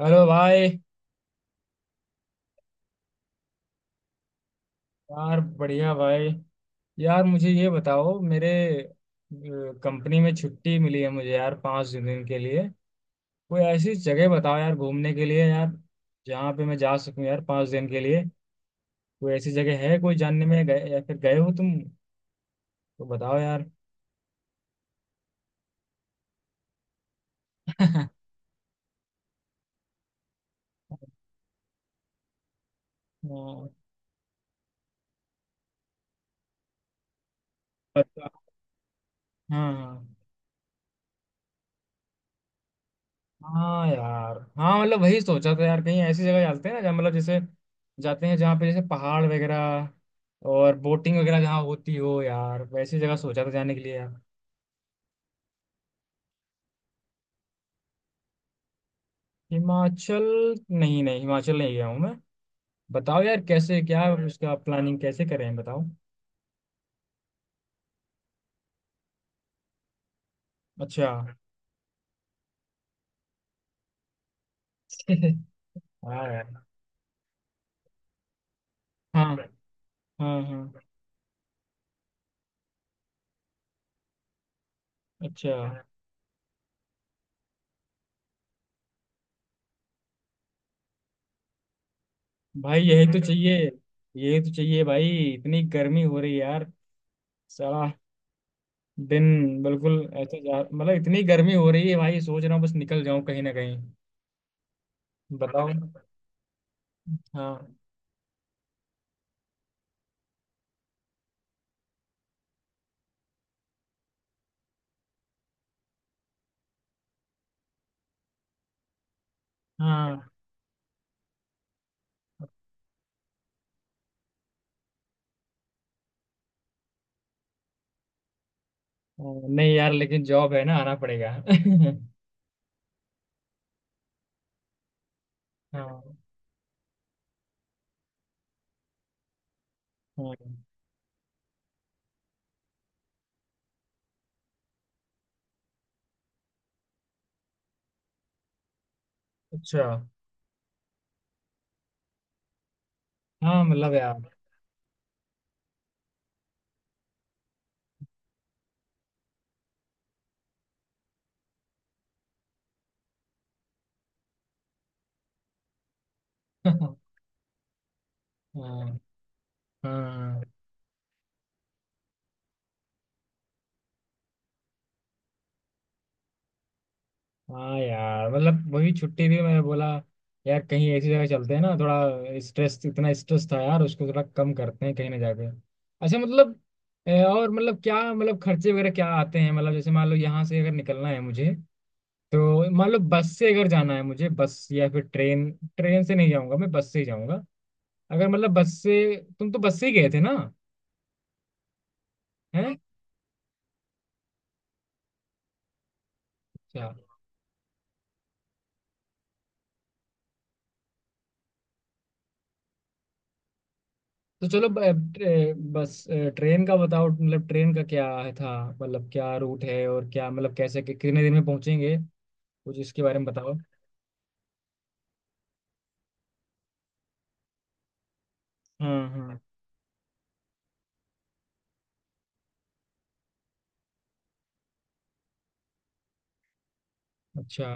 Hello भाई। यार, बढ़िया भाई। यार, मुझे ये बताओ, मेरे कंपनी में छुट्टी मिली है मुझे यार, 5 दिन के लिए। कोई ऐसी जगह बताओ यार घूमने के लिए यार, जहाँ पे मैं जा सकूँ यार, 5 दिन के लिए। कोई ऐसी जगह है कोई, जानने में गए या फिर गए हो तुम? तो बताओ यार। हाँ। बता- हाँ हाँ। हाँ यार, हाँ मतलब वही सोचा था यार, कहीं ऐसी जगह जाते हैं ना जहाँ, मतलब जैसे जाते हैं जहाँ पे जैसे पहाड़ वगैरह और बोटिंग वगैरह जहाँ होती हो यार, वैसी जगह सोचा था जाने के लिए यार। हिमाचल? नहीं नहीं, हिमाचल नहीं गया हूँ मैं। बताओ यार कैसे, क्या उसका प्लानिंग कैसे करें, बताओ। अच्छा। हाँ यार। हाँ हाँ। हाँ। अच्छा। भाई यही तो चाहिए। यही तो चाहिए भाई। इतनी गर्मी हो रही है यार। साला, दिन बिल्कुल ऐसे जा, मतलब इतनी गर्मी हो रही है भाई, सोच रहा हूँ बस निकल जाऊं कहीं ना कहीं। बताओ। हाँ हाँ। हाँ, नहीं यार, लेकिन जॉब है ना, आना पड़ेगा। हाँ हाँ। अच्छा। हाँ मतलब यार। हाँ हाँ। हाँ यार, मतलब वही छुट्टी भी मैं बोला यार, कहीं ऐसी जगह चलते हैं ना, थोड़ा स्ट्रेस, इतना स्ट्रेस था यार, उसको थोड़ा कम करते हैं कहीं ना जाके। अच्छा मतलब, और मतलब क्या, मतलब खर्चे वगैरह क्या आते हैं, मतलब जैसे मान लो यहाँ से अगर निकलना है मुझे, तो मान लो बस से अगर जाना है मुझे, बस या फिर ट्रेन। ट्रेन से नहीं जाऊंगा मैं, बस से ही जाऊंगा। अगर मतलब बस से, तुम तो बस से ही गए थे ना? है। तो चलो ट्रेन का बताओ, मतलब ट्रेन का क्या है था, मतलब क्या रूट है और क्या, मतलब कैसे कितने दिन में पहुंचेंगे, कुछ इसके बारे में बताओ। हाँ हाँ। अच्छा।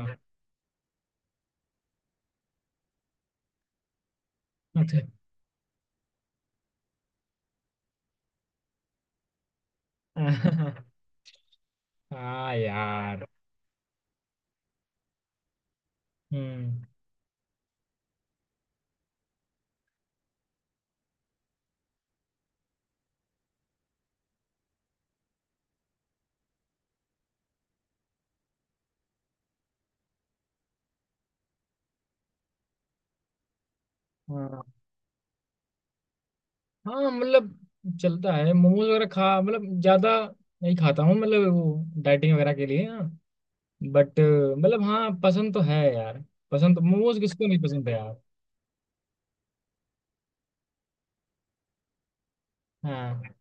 अच्छा। हाँ यार। हम्म। हाँ। हाँ मतलब, चलता है मोमोज वगैरह खा, मतलब ज्यादा नहीं खाता हूँ, मतलब वो डाइटिंग वगैरह के लिए, हाँ। बट मतलब हाँ, पसंद तो है यार। पसंद तो मोमोज किसको नहीं पसंद है यार। हाँ।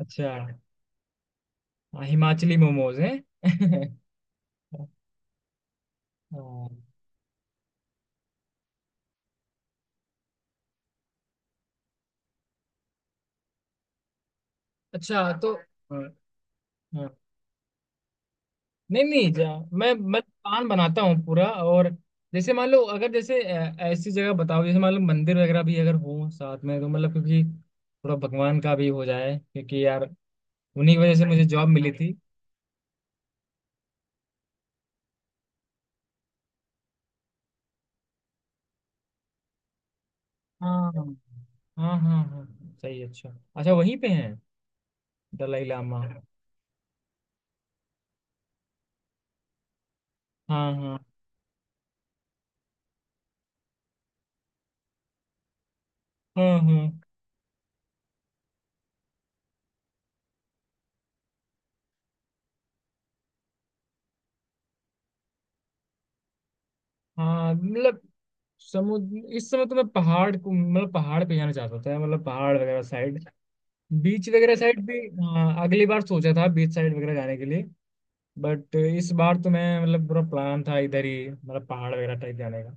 अच्छा। हाँ, हिमाचली मोमोज हैं। हाँ। अच्छा। तो, हाँ। हाँ, नहीं नहीं, मैं प्लान बनाता हूँ पूरा। और जैसे मान लो, अगर जैसे ऐसी जगह बताओ जैसे, मान लो मंदिर वगैरह भी अगर हो साथ में, तो मतलब क्योंकि थोड़ा भगवान का भी हो जाए, क्योंकि यार उन्हीं की वजह से मुझे जॉब मिली थी। हाँ हाँ। हाँ हाँ, सही। अच्छा। अच्छा, वहीं पे हैं दलाई लामा? हाँ हाँ हाँ हाँ। हाँ मतलब समुद्र, इस समय तो मैं पहाड़ को, मतलब पहाड़ पे जाना चाहता था, मतलब पहाड़ वगैरह साइड, बीच वगैरह साइड भी। हाँ, अगली बार सोचा था बीच साइड वगैरह जाने के लिए, बट इस बार तो मैं मतलब पूरा प्लान था इधर ही, मतलब पहाड़ वगैरह टाइप जाने का।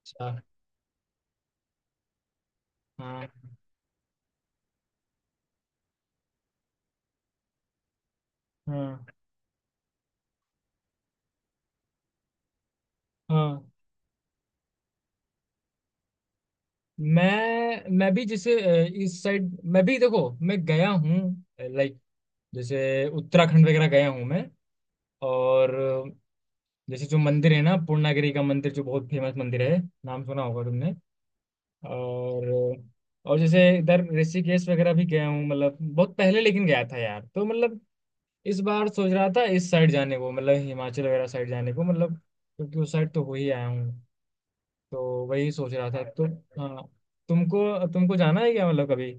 अच्छा। हाँ हाँ। हाँ। मैं भी जैसे इस साइड मैं भी, देखो मैं गया हूँ, लाइक जैसे उत्तराखंड वगैरह गया हूँ मैं। और जैसे जो मंदिर है ना, पूर्णागिरी का मंदिर, जो बहुत फेमस मंदिर है, नाम सुना होगा तुमने। और जैसे इधर ऋषिकेश वगैरह भी गया हूँ, मतलब बहुत पहले लेकिन गया था यार, तो मतलब इस बार सोच रहा था इस साइड जाने को, मतलब हिमाचल वगैरह साइड जाने को, मतलब क्योंकि उस साइड तो हो ही आया हूँ, तो वही सोच रहा था तो। हाँ, तुमको तुमको जाना है क्या, मतलब कभी?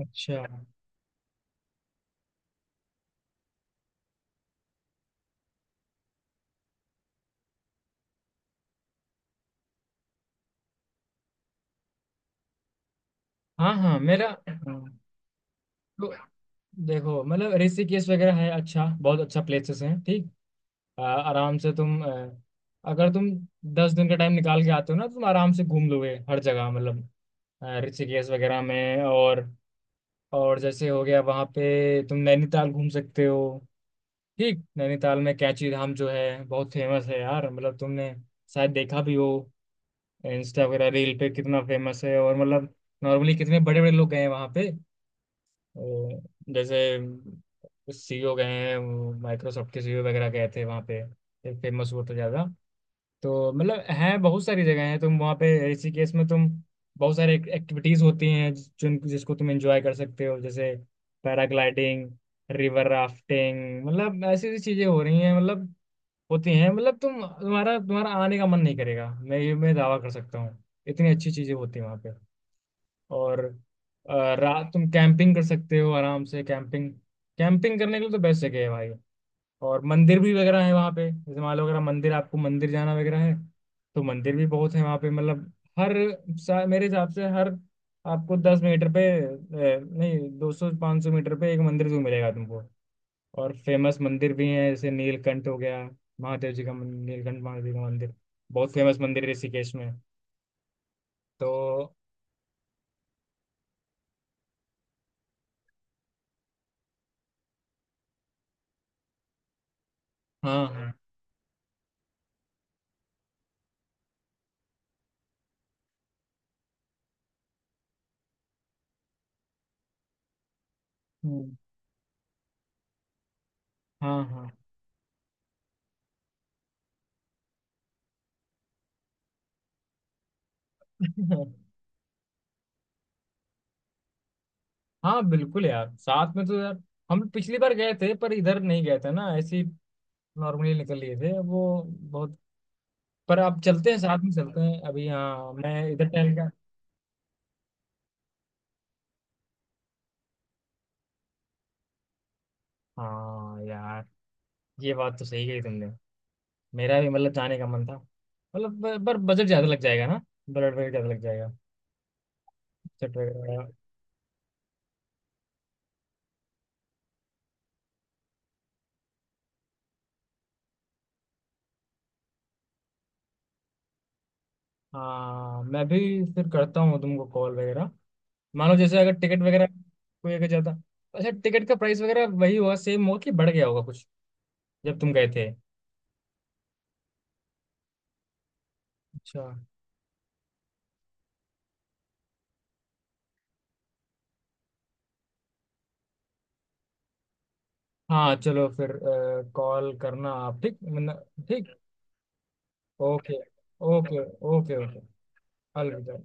अच्छा। हाँ हाँ, मेरा। हाँ। तो देखो, मतलब ऋषिकेश वगैरह है, अच्छा बहुत अच्छा प्लेसेस हैं ठीक। आराम से तुम, अगर तुम 10 दिन का टाइम निकाल के आते हो ना, तो तुम आराम से घूम लोगे हर जगह, मतलब ऋषिकेश वगैरह में। और जैसे, हो गया वहाँ पे तुम नैनीताल घूम सकते हो। ठीक, नैनीताल में कैंची धाम जो है, बहुत फेमस है यार, मतलब तुमने शायद देखा भी हो इंस्टा वगैरह रील पे, कितना फेमस है। और मतलब नॉर्मली कितने बड़े बड़े लोग गए हैं वहाँ पे। अ, जैसे, सीईओ गए हैं, माइक्रोसॉफ्ट के सीईओ वगैरह गए थे वहाँ पे, फेमस वो तो ज्यादा। तो मतलब हैं बहुत सारी जगह, हैं तुम वहाँ पे। ऋषिकेश में तुम बहुत सारे एक्टिविटीज होती हैं, जिस- जिन जिसको तुम एंजॉय कर सकते हो, जैसे पैराग्लाइडिंग, रिवर राफ्टिंग, मतलब ऐसी ऐसी चीजें हो रही हैं, मतलब होती हैं, मतलब तुम्हारा आने का मन नहीं करेगा, मैं दावा कर सकता हूँ। इतनी अच्छी चीजें होती हैं वहाँ पे। और रात तुम कैंपिंग कर सकते हो आराम से, कैंपिंग। कैंपिंग करने के लिए तो बेस्ट जगह है भाई। और मंदिर भी वगैरह है वहाँ पे, जैसे मान लो अगर आप मंदिर, आपको मंदिर जाना वगैरह है, तो मंदिर भी बहुत है वहाँ पे, मतलब हर मेरे हिसाब से हर आपको 10 मीटर पे नहीं, 200 500 मीटर पे एक मंदिर जरूर मिलेगा तुमको। और फेमस मंदिर भी हैं, जैसे नीलकंठ हो गया, महादेव जी का नीलकंठ महादेव का मंदिर, बहुत फेमस मंदिर है ऋषिकेश में, तो। हाँ हाँ। हम्म, हाँ हाँ। हाँ बिल्कुल यार, साथ में तो यार, हम पिछली बार गए थे पर इधर नहीं गए थे ना, ऐसी नॉर्मली निकल लिए थे वो, बहुत। पर आप चलते हैं, साथ में चलते हैं अभी, हाँ, मैं इधर टहल का। हाँ यार, ये बात तो सही कही तुमने। मेरा भी मतलब जाने का मन था, मतलब पर बजट ज्यादा लग जाएगा ना, बजट वगैरह ज्यादा लग जाएगा, टिकट वगैरह। हाँ, मैं भी फिर करता हूँ तुमको कॉल वगैरह, मान लो जैसे अगर टिकट वगैरह कोई अगर जाता। अच्छा, टिकट का प्राइस वगैरह वही होगा, सेम होगा कि बढ़ गया होगा कुछ जब तुम गए थे? अच्छा। हाँ, चलो फिर, कॉल करना आप, ठीक मतलब, ठीक। ओके। ओके। Okay okay. अलविदा।